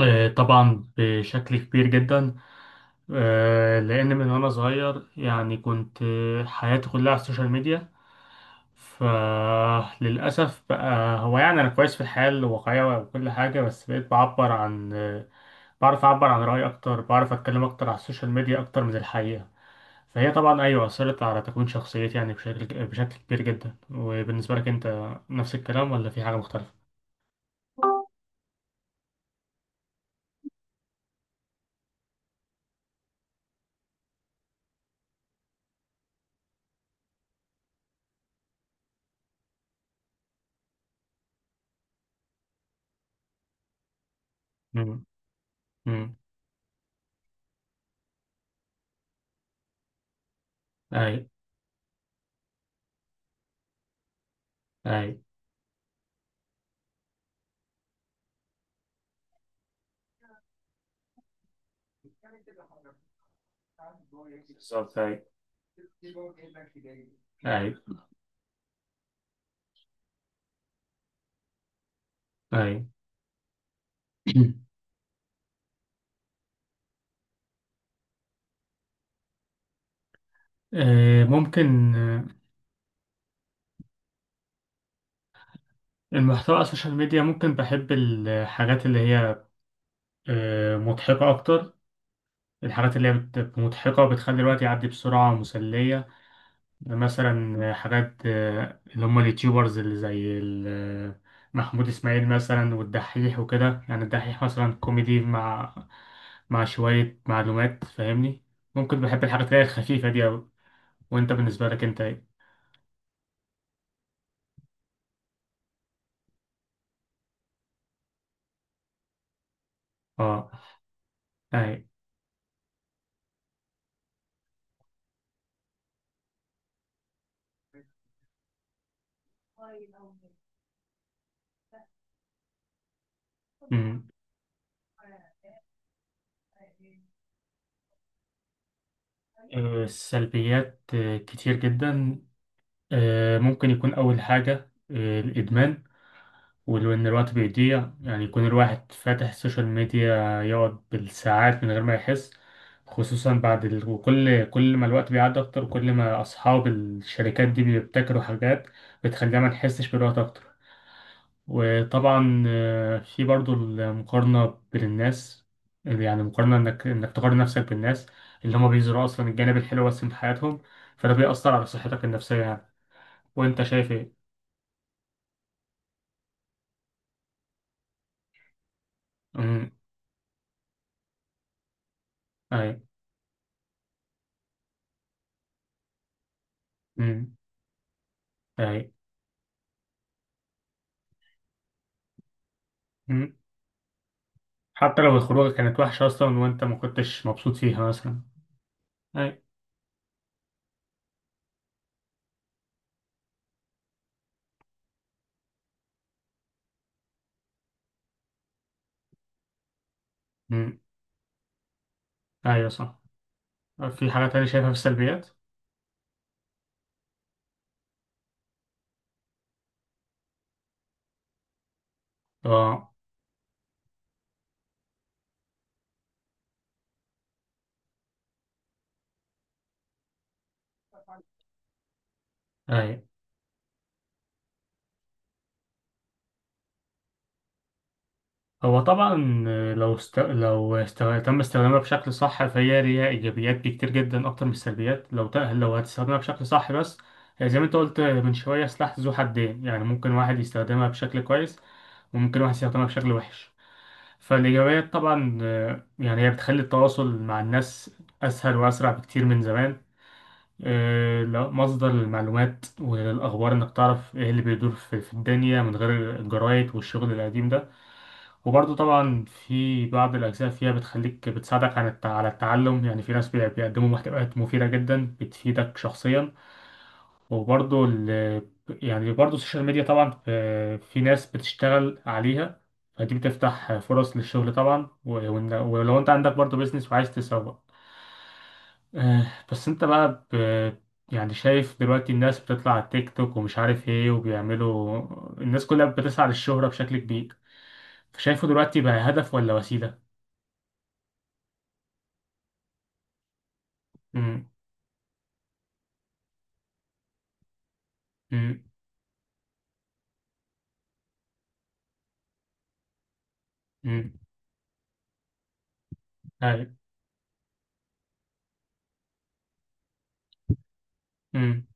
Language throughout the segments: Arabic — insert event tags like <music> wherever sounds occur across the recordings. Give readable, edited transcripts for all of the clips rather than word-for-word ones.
طبعا بشكل كبير جدا. لان من وانا صغير يعني كنت، حياتي كلها على السوشيال ميديا. فللاسف بقى، هو يعني انا كويس في الحياه الواقعيه وكل حاجه، بس بقيت بعبر عن بعرف اعبر عن رايي اكتر، بعرف اتكلم اكتر على السوشيال ميديا اكتر من الحقيقه. فهي طبعا ايوه اثرت على تكوين شخصيتي، يعني بشكل كبير جدا. وبالنسبه لك انت، نفس الكلام ولا في حاجه مختلفه؟ امم. امم. اي. اي. بالظبط، اي، اي. طيب. <clears throat> ممكن المحتوى على السوشيال ميديا، ممكن بحب الحاجات اللي هي مضحكة أكتر. الحاجات اللي هي مضحكة بتخلي الوقت يعدي بسرعة ومسلية. مثلا حاجات اللي هم اليوتيوبرز، اللي زي محمود إسماعيل مثلا، والدحيح وكده. يعني الدحيح مثلا كوميدي مع شوية معلومات، فاهمني. ممكن بحب الحاجات اللي هي الخفيفة دي أوي. وأنت بالنسبة لك أنت إيه؟ أه. أي. السلبيات كتير جدا. ممكن يكون أول حاجة الإدمان. وإن الوقت بيضيع، يعني يكون الواحد فاتح السوشيال ميديا يقعد بالساعات من غير ما يحس. خصوصا بعد وكل ما الوقت بيعدي أكتر، كل ما أصحاب الشركات دي بيبتكروا حاجات بتخلينا ما نحسش بالوقت أكتر. وطبعا في برضو المقارنة بين الناس. يعني مقارنة انك تقارن نفسك بالناس اللي هما بيزرعوا اصلا الجانب الحلو بس من حياتهم. فده بيأثر على صحتك النفسية يعني. وانت شايف ايه؟ أمم. اي. أمم. اي. أمم. حتى لو الخروجة كانت وحشة اصلا وانت ما كنتش مبسوط فيها مثلا. اي. أمم. ايوه صح. في حاجة تانية شايفها في السلبيات؟ اه. اي. هو طبعا تم استخدامها بشكل صح، فهي ليها ايجابيات كتير جدا اكتر من السلبيات، لو هتستخدمها بشكل صح بس. زي ما انت قلت من شويه، سلاح ذو حدين يعني. ممكن واحد يستخدمها بشكل كويس، وممكن واحد يستخدمها بشكل وحش. فالايجابيات طبعا يعني هي بتخلي التواصل مع الناس اسهل واسرع بكتير من زمان. مصدر للمعلومات والاخبار، انك تعرف ايه اللي بيدور في الدنيا من غير الجرايد والشغل القديم ده. وبرضه طبعا في بعض الأجزاء فيها بتخليك، بتساعدك على التعلم. يعني في ناس بيقدموا محتويات مفيدة جدا بتفيدك شخصيا. وبرضه ال يعني برضه السوشيال ميديا طبعا في ناس بتشتغل عليها. فدي بتفتح فرص للشغل طبعا، ولو انت عندك برضه بيزنس وعايز تسوق. بس انت بقى يعني شايف دلوقتي الناس بتطلع على التيك توك ومش عارف ايه وبيعملوا. الناس كلها بتسعى للشهرة بشكل كبير. شايفه دلوقتي بقى هدف ولا وسيلة؟ امم. امم. امم. اي. امم.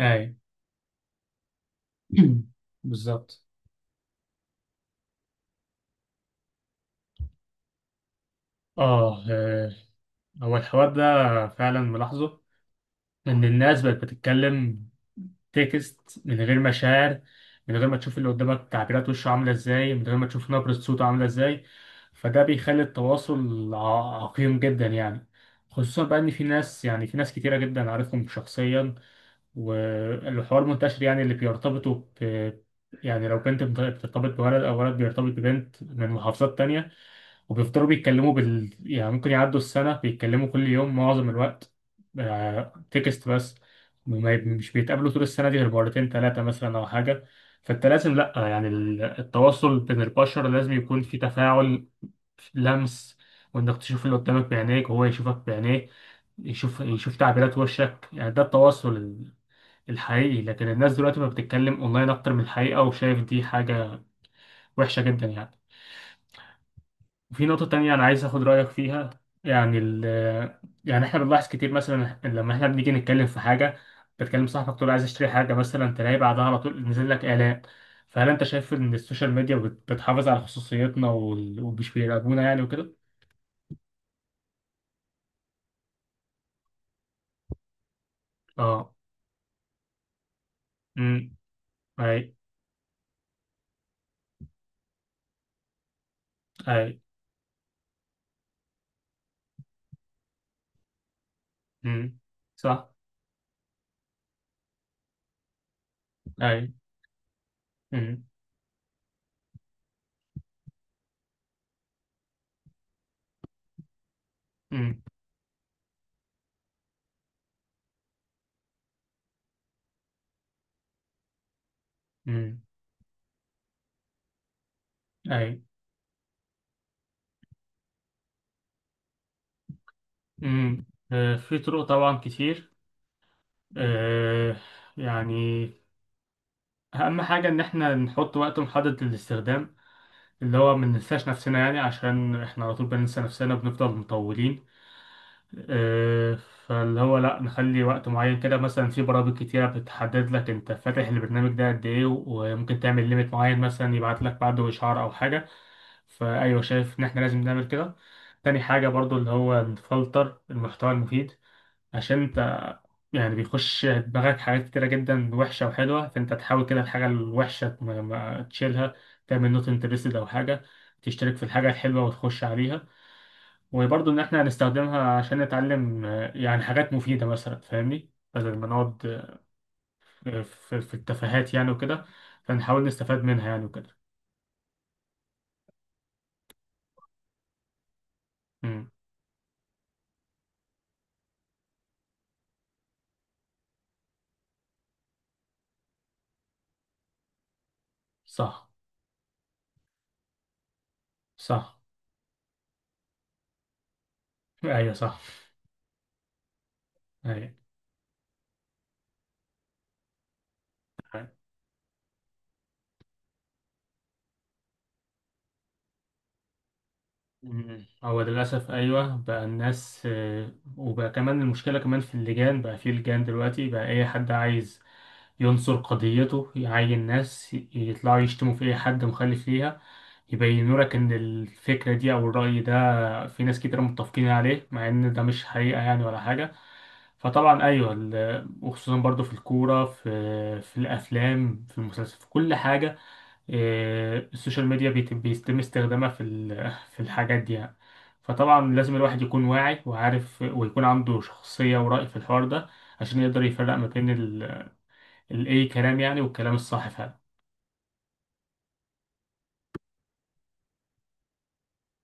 اي. <clears throat> بالظبط. اه. هو الحوار ده فعلا ملاحظه. ان الناس بقت بتتكلم تكست من غير مشاعر، من غير ما تشوف اللي قدامك تعبيرات وشه عاملة ازاي، من غير ما تشوف نبرة صوته عاملة ازاي. فده بيخلي التواصل عقيم جدا يعني. خصوصا بقى ان في ناس، يعني في ناس كتيرة جدا عارفهم شخصيا، والحوار منتشر. يعني اللي بيرتبطوا يعني لو بنت بترتبط بولد، أو ولد بيرتبط ببنت من محافظات تانية، وبيفضلوا بيتكلموا يعني ممكن يعدوا السنة بيتكلموا كل يوم معظم الوقت، تكست بس. ما ي- مش بيتقابلوا طول السنة دي غير مرتين تلاتة مثلا أو حاجة. فأنت لازم، لأ يعني التواصل بين البشر لازم يكون في تفاعل، لمس. وإنك تشوف اللي قدامك بعينيك وهو يشوفك بعينيه، يشوف تعبيرات وشك. يعني ده التواصل الحقيقي. لكن الناس دلوقتي بقى بتتكلم اونلاين اكتر من الحقيقة، وشايف دي حاجة وحشة جدا يعني. وفي نقطة تانية انا عايز اخد رأيك فيها. يعني ال يعني احنا بنلاحظ كتير مثلا، لما احنا بنيجي نتكلم في حاجة، بتكلم صاحبك تقول عايز اشتري حاجة مثلا، تلاقي بعدها على طول نزل لك اعلان. فهل انت شايف ان السوشيال ميديا بتحافظ على خصوصيتنا ومش بيراقبونا يعني وكده؟ اه. امم. اي. اي. امم. صح. اي. امم. امم. امم. اي. امم. في طرق طبعا كتير. آه يعني أهم حاجة إن إحنا نحط وقت محدد للاستخدام، اللي هو ما ننساش نفسنا. يعني عشان إحنا على طول بننسى نفسنا وبنفضل مطولين. آه فاللي هو لأ، نخلي وقت معين كده مثلا. في برامج كتيرة بتحدد لك أنت فاتح البرنامج ده قد إيه، وممكن تعمل ليميت معين مثلا يبعت لك بعده إشعار أو حاجة. فأيوه، شايف إن إحنا لازم نعمل كده. تاني حاجة برضو اللي هو نفلتر المحتوى المفيد. عشان انت يعني بيخش دماغك حاجات كتيرة جدا وحشة وحلوة، فأنت تحاول كده الحاجة الوحشة ما تشيلها، تعمل نوت انترستد أو حاجة، تشترك في الحاجة الحلوة وتخش عليها. وبرضه إن إحنا هنستخدمها عشان نتعلم، يعني حاجات مفيدة مثلا، فاهمني، بدل ما نقعد في التفاهات يعني وكده. فنحاول نستفاد منها يعني وكده. امم. صح، صح. <laughs> أيوه صح. أيوه. مم. هو ده للأسف أيوة. بقى الناس، وبقى كمان المشكلة كمان في اللجان. بقى في لجان دلوقتي، بقى أي حد عايز ينصر قضيته يعين ناس يطلعوا يشتموا في أي حد مخالف ليها، يبينوا لك إن الفكرة دي أو الرأي ده في ناس كتير متفقين عليه، مع إن ده مش حقيقة يعني ولا حاجة. فطبعا أيوة، وخصوصا برضو في الكورة، في الأفلام، في المسلسل، في كل حاجة. إيه، السوشيال ميديا بيتم استخدامها في الحاجات دي يعني. فطبعا لازم الواحد يكون واعي وعارف، ويكون عنده شخصية ورأي في الحوار ده، عشان يقدر يفرق ما بين الأي كلام يعني والكلام الصح فعلا.